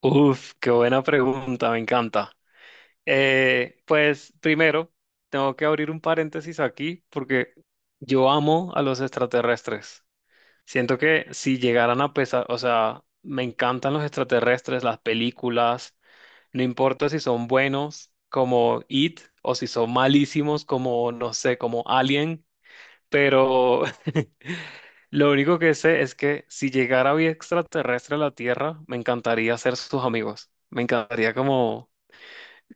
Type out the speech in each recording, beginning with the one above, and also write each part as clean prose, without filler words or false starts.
Uf, qué buena pregunta, me encanta. Pues primero, tengo que abrir un paréntesis aquí porque yo amo a los extraterrestres. Siento que si llegaran a pesar, o sea, me encantan los extraterrestres, las películas, no importa si son buenos como It o si son malísimos como, no sé, como Alien. Pero lo único que sé es que si llegara vida extraterrestre a la Tierra, me encantaría ser sus amigos. Me encantaría como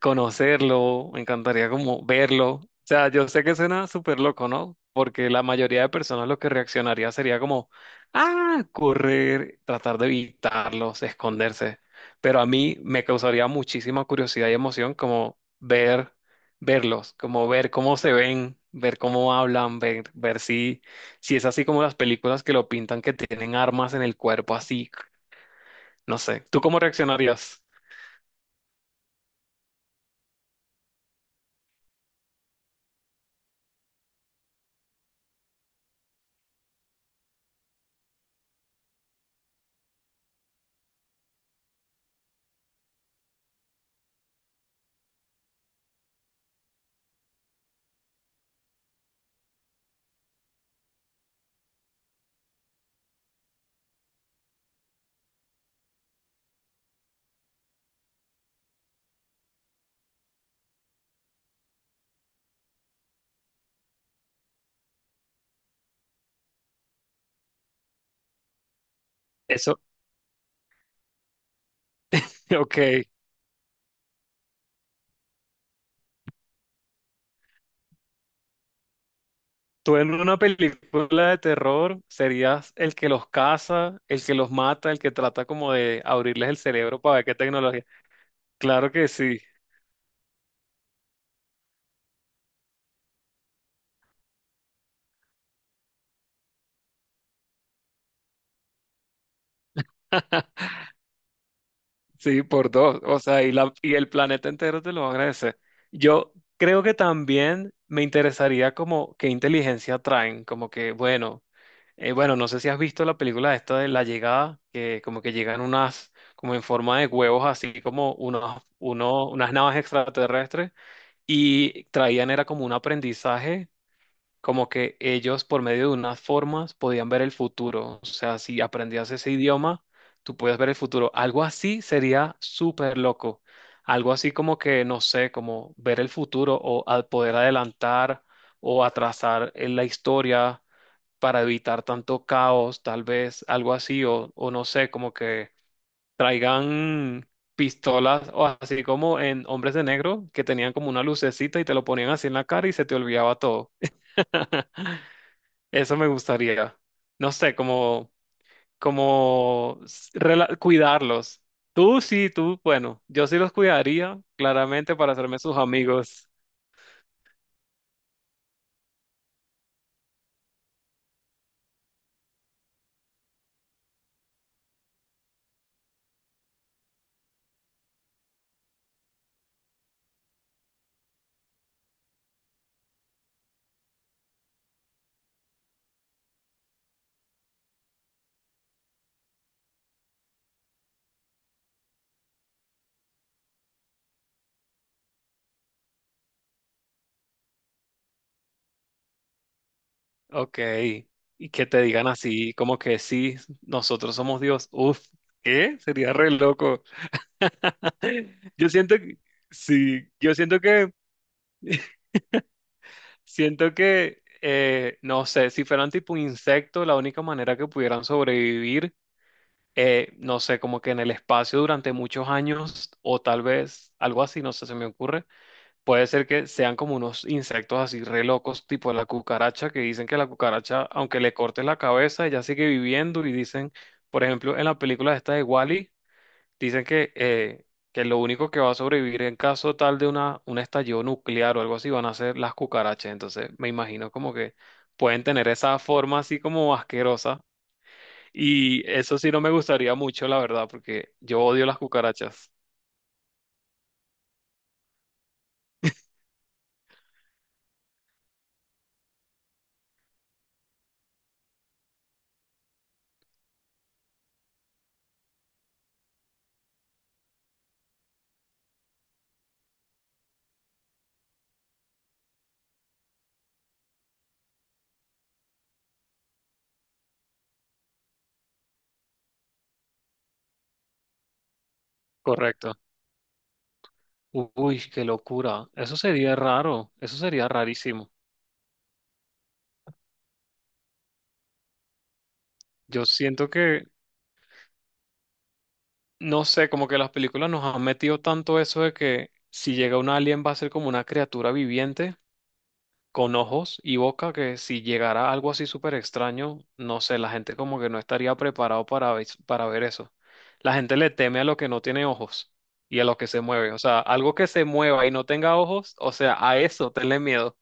conocerlo, me encantaría como verlo. O sea, yo sé que suena súper loco, ¿no? Porque la mayoría de personas lo que reaccionaría sería como, ah, correr, tratar de evitarlos, esconderse. Pero a mí me causaría muchísima curiosidad y emoción como ver, verlos, como ver cómo se ven, ver cómo hablan, ver si, si es así como las películas que lo pintan, que tienen armas en el cuerpo, así, no sé. ¿Tú cómo reaccionarías? Eso, ok. Tú en una película de terror serías el que los caza, el que los mata, el que trata como de abrirles el cerebro para ver qué tecnología. Claro que sí, sí, por dos. O sea, y, la, y el planeta entero te lo va a agradecer. Yo creo que también me interesaría como qué inteligencia traen, como que, bueno, bueno, no sé si has visto la película esta de La Llegada, que como que llegan unas, como en forma de huevos, así como unos, uno, unas naves extraterrestres y traían era como un aprendizaje, como que ellos por medio de unas formas podían ver el futuro. O sea, si aprendías ese idioma, tú puedes ver el futuro. Algo así sería súper loco. Algo así como que, no sé, como ver el futuro o al poder adelantar o atrasar en la historia para evitar tanto caos, tal vez, algo así, o no sé, como que traigan pistolas o así como en Hombres de Negro, que tenían como una lucecita y te lo ponían así en la cara y se te olvidaba todo. Eso me gustaría. No sé, como, como s- rela- cuidarlos. Tú sí, tú, bueno, yo sí los cuidaría, claramente, para hacerme sus amigos. Ok. Y que te digan así, como que sí, nosotros somos Dios. Uf, ¿qué? Sería re loco. Yo siento que, sí, yo siento que, siento que, no sé, si fueran tipo insectos, la única manera que pudieran sobrevivir, no sé, como que en el espacio durante muchos años o tal vez algo así, no sé, se me ocurre, puede ser que sean como unos insectos así re locos, tipo la cucaracha, que dicen que la cucaracha, aunque le cortes la cabeza, ella sigue viviendo y dicen, por ejemplo, en la película esta de Wally. Dicen que lo único que va a sobrevivir en caso tal de una, un estallido nuclear o algo así van a ser las cucarachas. Entonces me imagino como que pueden tener esa forma así como asquerosa. Y eso sí no me gustaría mucho, la verdad, porque yo odio las cucarachas. Correcto. Uy, qué locura. Eso sería raro. Eso sería rarísimo. Yo siento que, no sé, como que las películas nos han metido tanto eso de que si llega un alien va a ser como una criatura viviente, con ojos y boca, que si llegara algo así súper extraño, no sé, la gente como que no estaría preparado para, para ver eso. La gente le teme a lo que no tiene ojos y a lo que se mueve. O sea, algo que se mueva y no tenga ojos, o sea, a eso tenle miedo.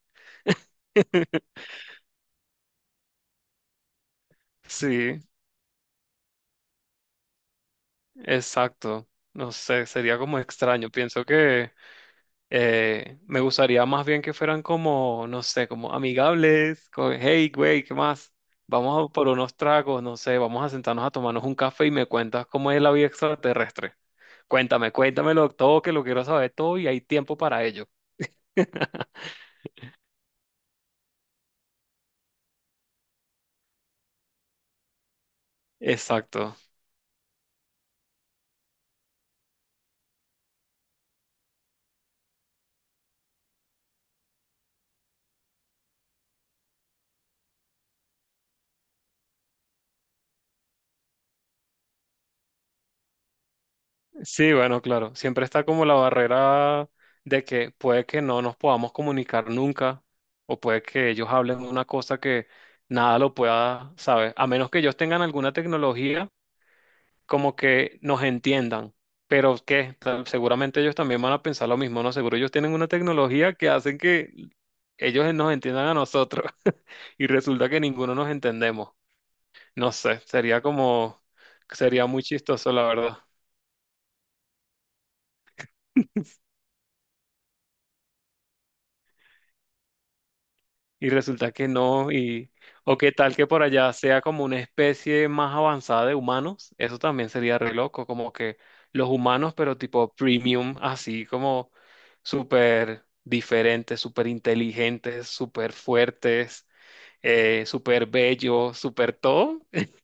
Sí, exacto. No sé, sería como extraño. Pienso que me gustaría más bien que fueran como, no sé, como amigables, como, hey, güey, ¿qué más? Vamos a por unos tragos, no sé, vamos a sentarnos a tomarnos un café y me cuentas cómo es la vida extraterrestre. Cuéntame, cuéntamelo todo, que lo quiero saber todo y hay tiempo para ello. Exacto. Sí, bueno, claro. Siempre está como la barrera de que puede que no nos podamos comunicar nunca o puede que ellos hablen una cosa que nada lo pueda saber. A menos que ellos tengan alguna tecnología como que nos entiendan. Pero que seguramente ellos también van a pensar lo mismo, ¿no? Seguro ellos tienen una tecnología que hacen que ellos nos entiendan a nosotros y resulta que ninguno nos entendemos. No sé, sería como, sería muy chistoso, la verdad. Y resulta que no, y o qué tal que por allá sea como una especie más avanzada de humanos, eso también sería re loco, como que los humanos, pero tipo premium, así como súper diferentes, súper inteligentes, súper fuertes, súper bellos, súper todo.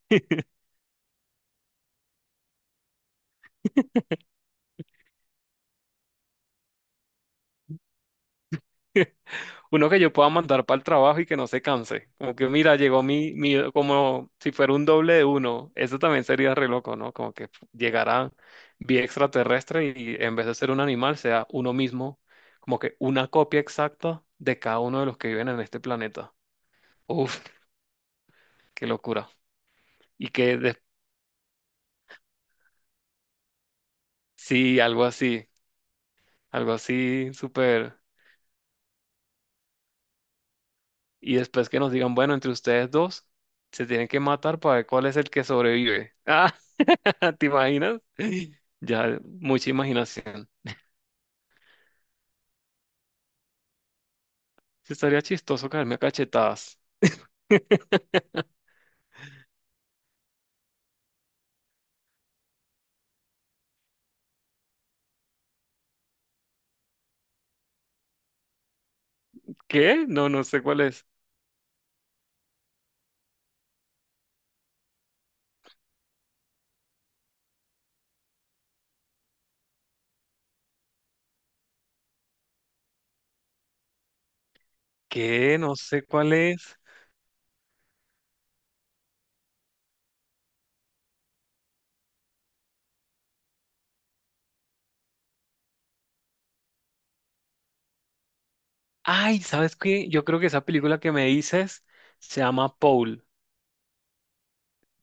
Uno que yo pueda mandar para el trabajo y que no se canse. Como que, mira, llegó mi, como si fuera un doble de uno. Eso también sería re loco, ¿no? Como que llegara vía extraterrestre y en vez de ser un animal, sea uno mismo, como que una copia exacta de cada uno de los que viven en este planeta. Uf, qué locura. Y que de- sí, algo así súper. Y después que nos digan, bueno, entre ustedes dos se tienen que matar para ver cuál es el que sobrevive. ¿Te imaginas? Ya, mucha imaginación. Sí, estaría chistoso caerme a cachetadas. ¿Qué? No, no sé cuál es. ¿Qué? No sé cuál es. Ay, ¿sabes qué? Yo creo que esa película que me dices se llama Paul,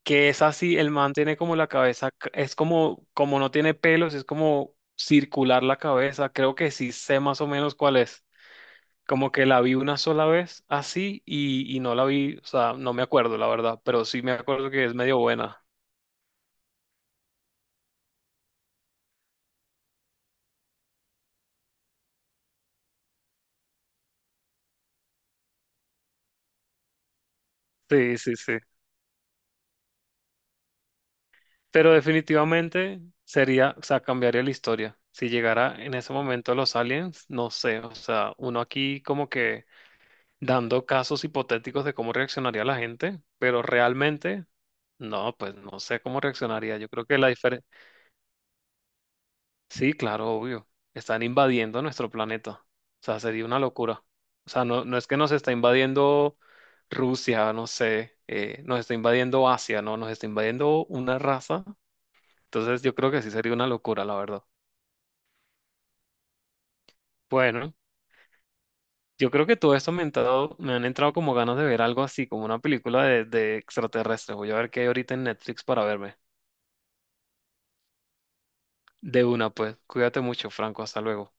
que es así, el man tiene como la cabeza, es como, como no tiene pelos, es como circular la cabeza. Creo que sí sé más o menos cuál es. Como que la vi una sola vez así y no la vi, o sea, no me acuerdo la verdad, pero sí me acuerdo que es medio buena. Sí, sí, sí. Pero definitivamente sería, o sea, cambiaría la historia. Si llegara en ese momento los aliens, no sé, o sea, uno aquí como que dando casos hipotéticos de cómo reaccionaría la gente, pero realmente, no, pues no sé cómo reaccionaría. Yo creo que la diferencia, sí, claro, obvio, están invadiendo nuestro planeta. O sea, sería una locura. O sea, no, no es que nos está invadiendo Rusia, no sé, nos está invadiendo Asia, no, nos está invadiendo una raza. Entonces yo creo que sí sería una locura, la verdad. Bueno, yo creo que todo esto me han entrado como ganas de ver algo así, como una película de extraterrestres. Voy a ver qué hay ahorita en Netflix para verme. De una, pues. Cuídate mucho, Franco. Hasta luego.